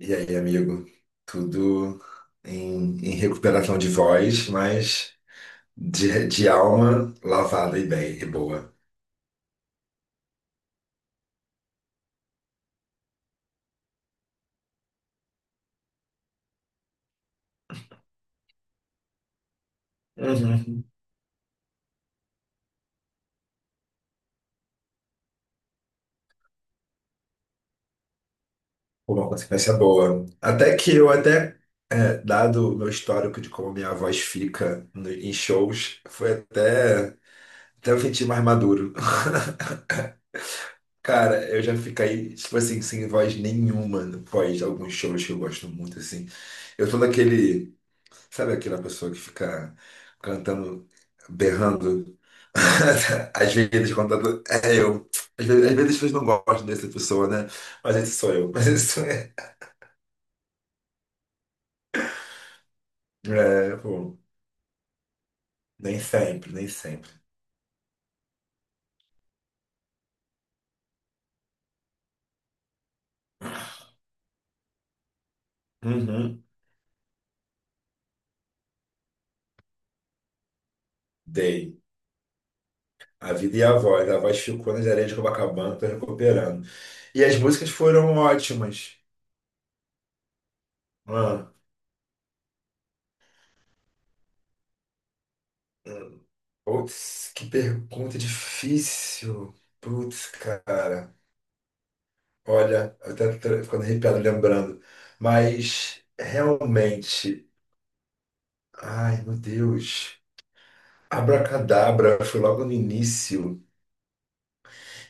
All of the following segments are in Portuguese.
E aí, amigo? Tudo em recuperação de voz, mas de alma lavada e bem, e boa. Uhum. Por uma consequência boa. Até que eu dado o meu histórico de como minha voz fica em shows, foi até eu sentir mais maduro. Cara, eu já fiquei, tipo assim, sem voz nenhuma no pós alguns shows que eu gosto muito, assim. Eu sou daquele. Sabe aquela pessoa que fica cantando, berrando? Às vezes, contando. É eu. Às vezes as pessoas não gostam dessa pessoa, né? Mas esse sou eu. Mas isso é. É, pô, nem sempre. Uhum. Dei. A vida e a voz. A voz ficou nas areias de Copacabana, tô recuperando. E as músicas foram ótimas. Ah, hum. Putz, que pergunta difícil. Putz, cara. Olha, eu até tô ficando arrepiado lembrando. Mas realmente, ai meu Deus, Abracadabra foi logo no início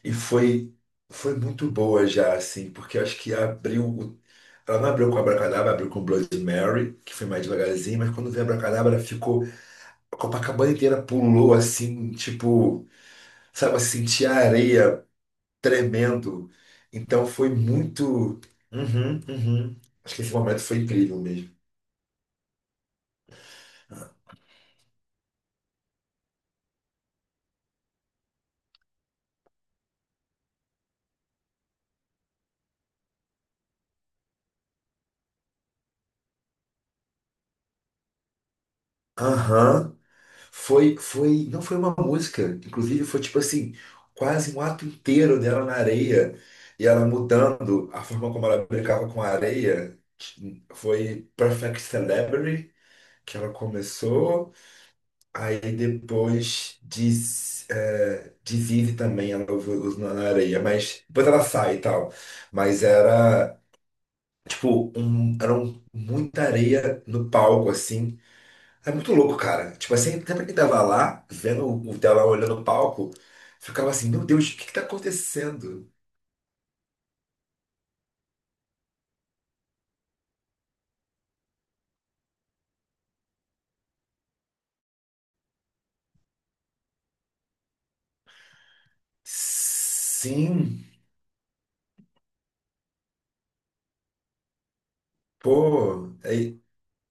e foi muito boa já assim, porque eu acho que ela não abriu com Abracadabra, abriu com Bloody Mary, que foi mais devagarzinho, mas quando veio Abracadabra ficou a Copacabana inteira pulou assim, tipo, sabe, assim, tinha areia tremendo. Então foi muito. Uhum, uhum. Acho que esse momento foi incrível mesmo. Aham. Não foi uma música, inclusive foi tipo assim, quase um ato inteiro dela na areia e ela mudando a forma como ela brincava com a areia. Foi Perfect Celebrity que ela começou, aí depois diz, é, Disease também ela usou na areia, mas depois ela sai e tal. Mas era muita areia no palco assim. É muito louco, cara. Tipo assim, sempre que tava lá, vendo o tela olhando o palco, ficava assim, meu Deus, o que que tá acontecendo? Sim, pô, aí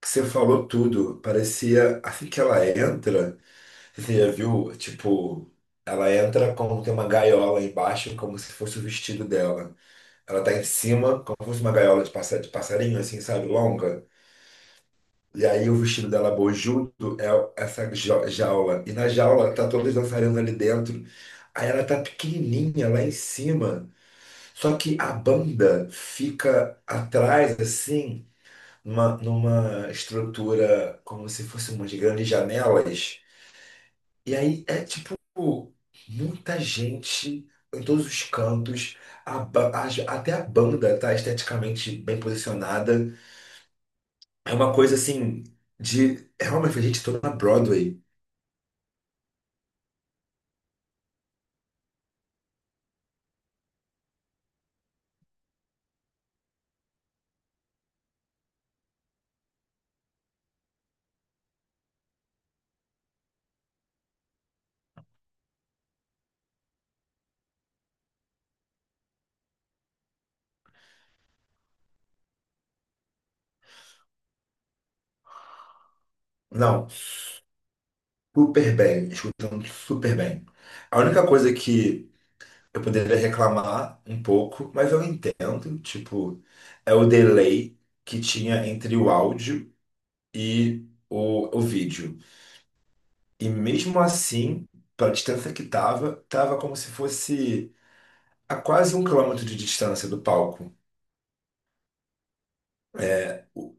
que você falou tudo. Parecia, assim que ela entra, você já viu, tipo, ela entra como tem uma gaiola embaixo, como se fosse o vestido dela. Ela tá em cima, como se fosse uma gaiola de de passarinho, assim, sabe, longa. E aí o vestido dela bojudo é essa jaula. E na jaula tá todas dançarinas ali dentro. Aí ela tá pequenininha lá em cima. Só que a banda fica atrás, assim, numa estrutura como se fosse umas grandes janelas. E aí é tipo muita gente em todos os cantos. A ba- a- até a banda tá esteticamente bem posicionada. É uma coisa assim de. É uma gente toda na Broadway. Não, super bem, escutando super bem. A única coisa que eu poderia reclamar um pouco, mas eu entendo, tipo, é o delay que tinha entre o áudio e o vídeo. E mesmo assim, pela distância que tava, tava como se fosse a quase um quilômetro de distância do palco. É, o-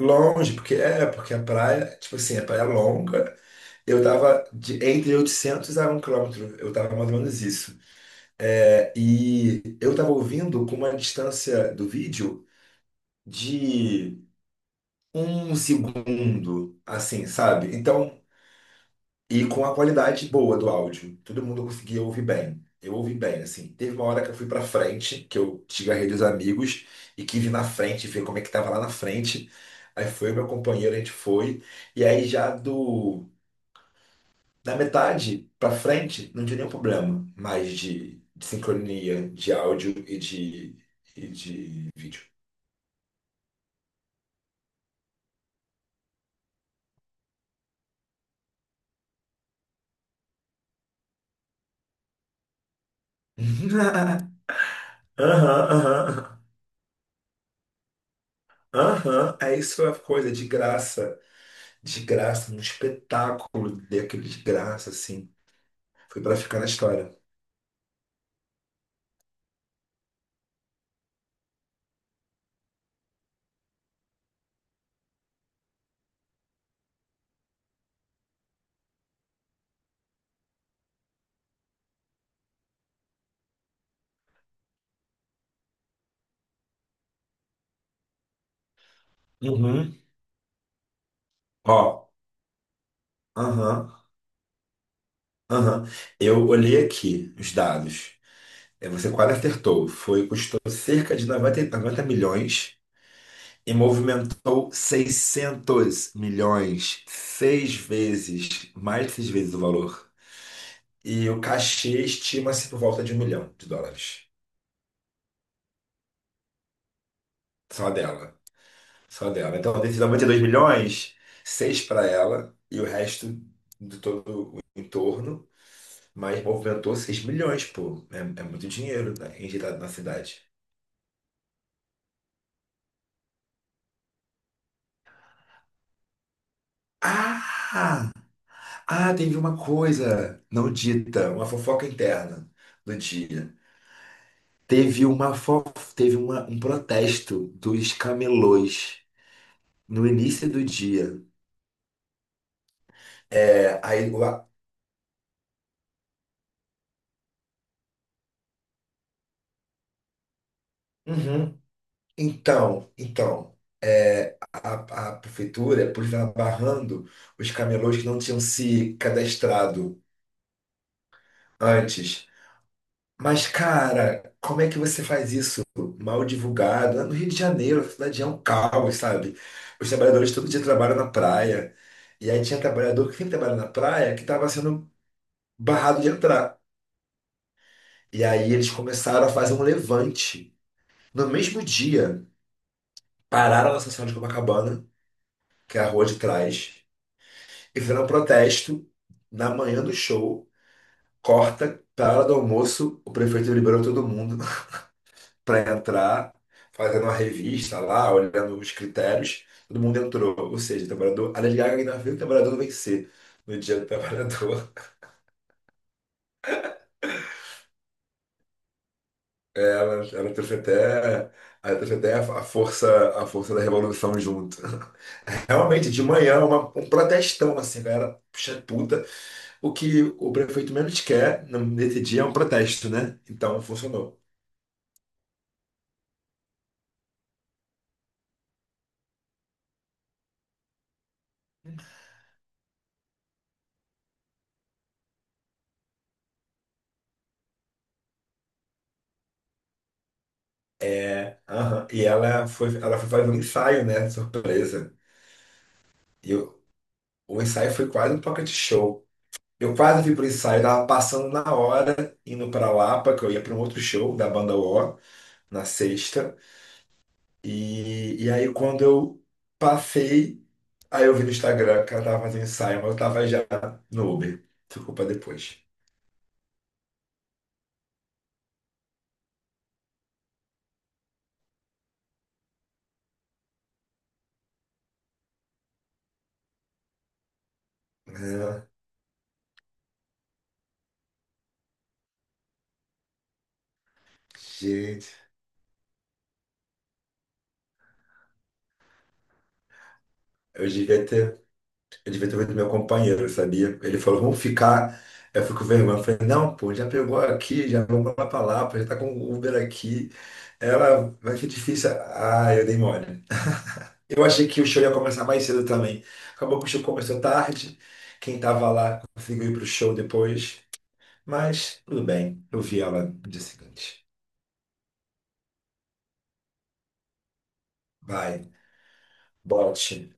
longe, porque é, porque a praia, tipo assim, a praia é longa. Eu tava de, entre 800 a um quilômetro, eu tava mais ou menos isso. É, e eu tava ouvindo com uma distância do vídeo de um segundo, assim, sabe? Então, e com a qualidade boa do áudio, todo mundo conseguia ouvir bem. Eu ouvi bem, assim. Teve uma hora que eu fui pra frente, que eu desgarrei dos amigos e que vi na frente, ver como é que tava lá na frente. Aí foi o meu companheiro, a gente foi. E aí já do da metade pra frente, não tinha nenhum problema mais de sincronia, de áudio e de vídeo. Aham, aham, aham. É isso a coisa, de graça. De graça, um espetáculo daquele de graça, assim. Foi pra ficar na história. Uhum. Ó, aham, aham. Eu olhei aqui os dados. É, você quase acertou. Foi, custou cerca de 90 milhões e movimentou 600 milhões, seis vezes, mais de seis vezes o valor. E o cachê estima-se por volta de um milhão de dólares. Só dela. Só dela. Então, desses 92 milhões, seis para ela e o resto de todo o entorno. Mas movimentou 6 milhões, pô. É, é muito dinheiro, né, injetado na cidade. Ah! Ah, teve uma coisa não dita, uma fofoca interna do dia. Teve uma fo... teve um protesto dos camelôs no início do dia. É, aí, lá... Uhum. Então, é, a prefeitura, por estar barrando os camelôs que não tinham se cadastrado antes. Mas, cara, como é que você faz isso mal divulgado? No Rio de Janeiro, a cidade é um caos, sabe? Os trabalhadores todo dia trabalham na praia. E aí tinha trabalhador que sempre trabalha na praia que estava sendo barrado de entrar. E aí eles começaram a fazer um levante. No mesmo dia, pararam na Senhora de Copacabana, que é a rua de trás, e fizeram um protesto na manhã do show. Corta, para a hora do almoço, o prefeito liberou todo mundo para entrar, fazendo uma revista lá, olhando os critérios, todo mundo entrou. Ou seja, o trabalhador, a Lady Gaga ainda viu o trabalhador vencer no dia do trabalhador. Ela trouxe até, ela trouxe até a força, a força da revolução junto. Realmente, de manhã, um protestão, assim, galera, puxa puta. O que o prefeito menos quer nesse dia é um protesto, né? Então, funcionou. É, aham. E ela foi fazer um ensaio, né? Surpresa. E o ensaio foi quase um pocket show. Eu quase fui pro ensaio, tava passando na hora, indo pra Lapa, que eu ia pra um outro show da banda O, na sexta. E, aí quando eu passei, aí eu vi no Instagram que ela tava fazendo ensaio, mas eu tava já no Uber. Ficou pra depois. Ah, gente, eu devia ter, eu devia ter feito meu companheiro, sabia? Ele falou, vamos ficar. Eu fico com vergonha. Eu falei, não, pô, já pegou aqui, já vamos lá pra Lapa, já tá com o Uber aqui. Ela, vai ser difícil. Ah, eu dei mole. Eu achei que o show ia começar mais cedo também. Acabou que o show começou tarde. Quem tava lá conseguiu ir pro show depois. Mas tudo bem, eu vi ela no dia seguinte. Vai, bote.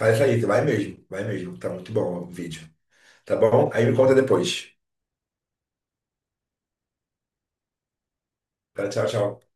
Faz aí, vai mesmo, vai mesmo. Tá muito bom o vídeo. Tá bom? Aí me conta depois. Tá, tchau, tchau.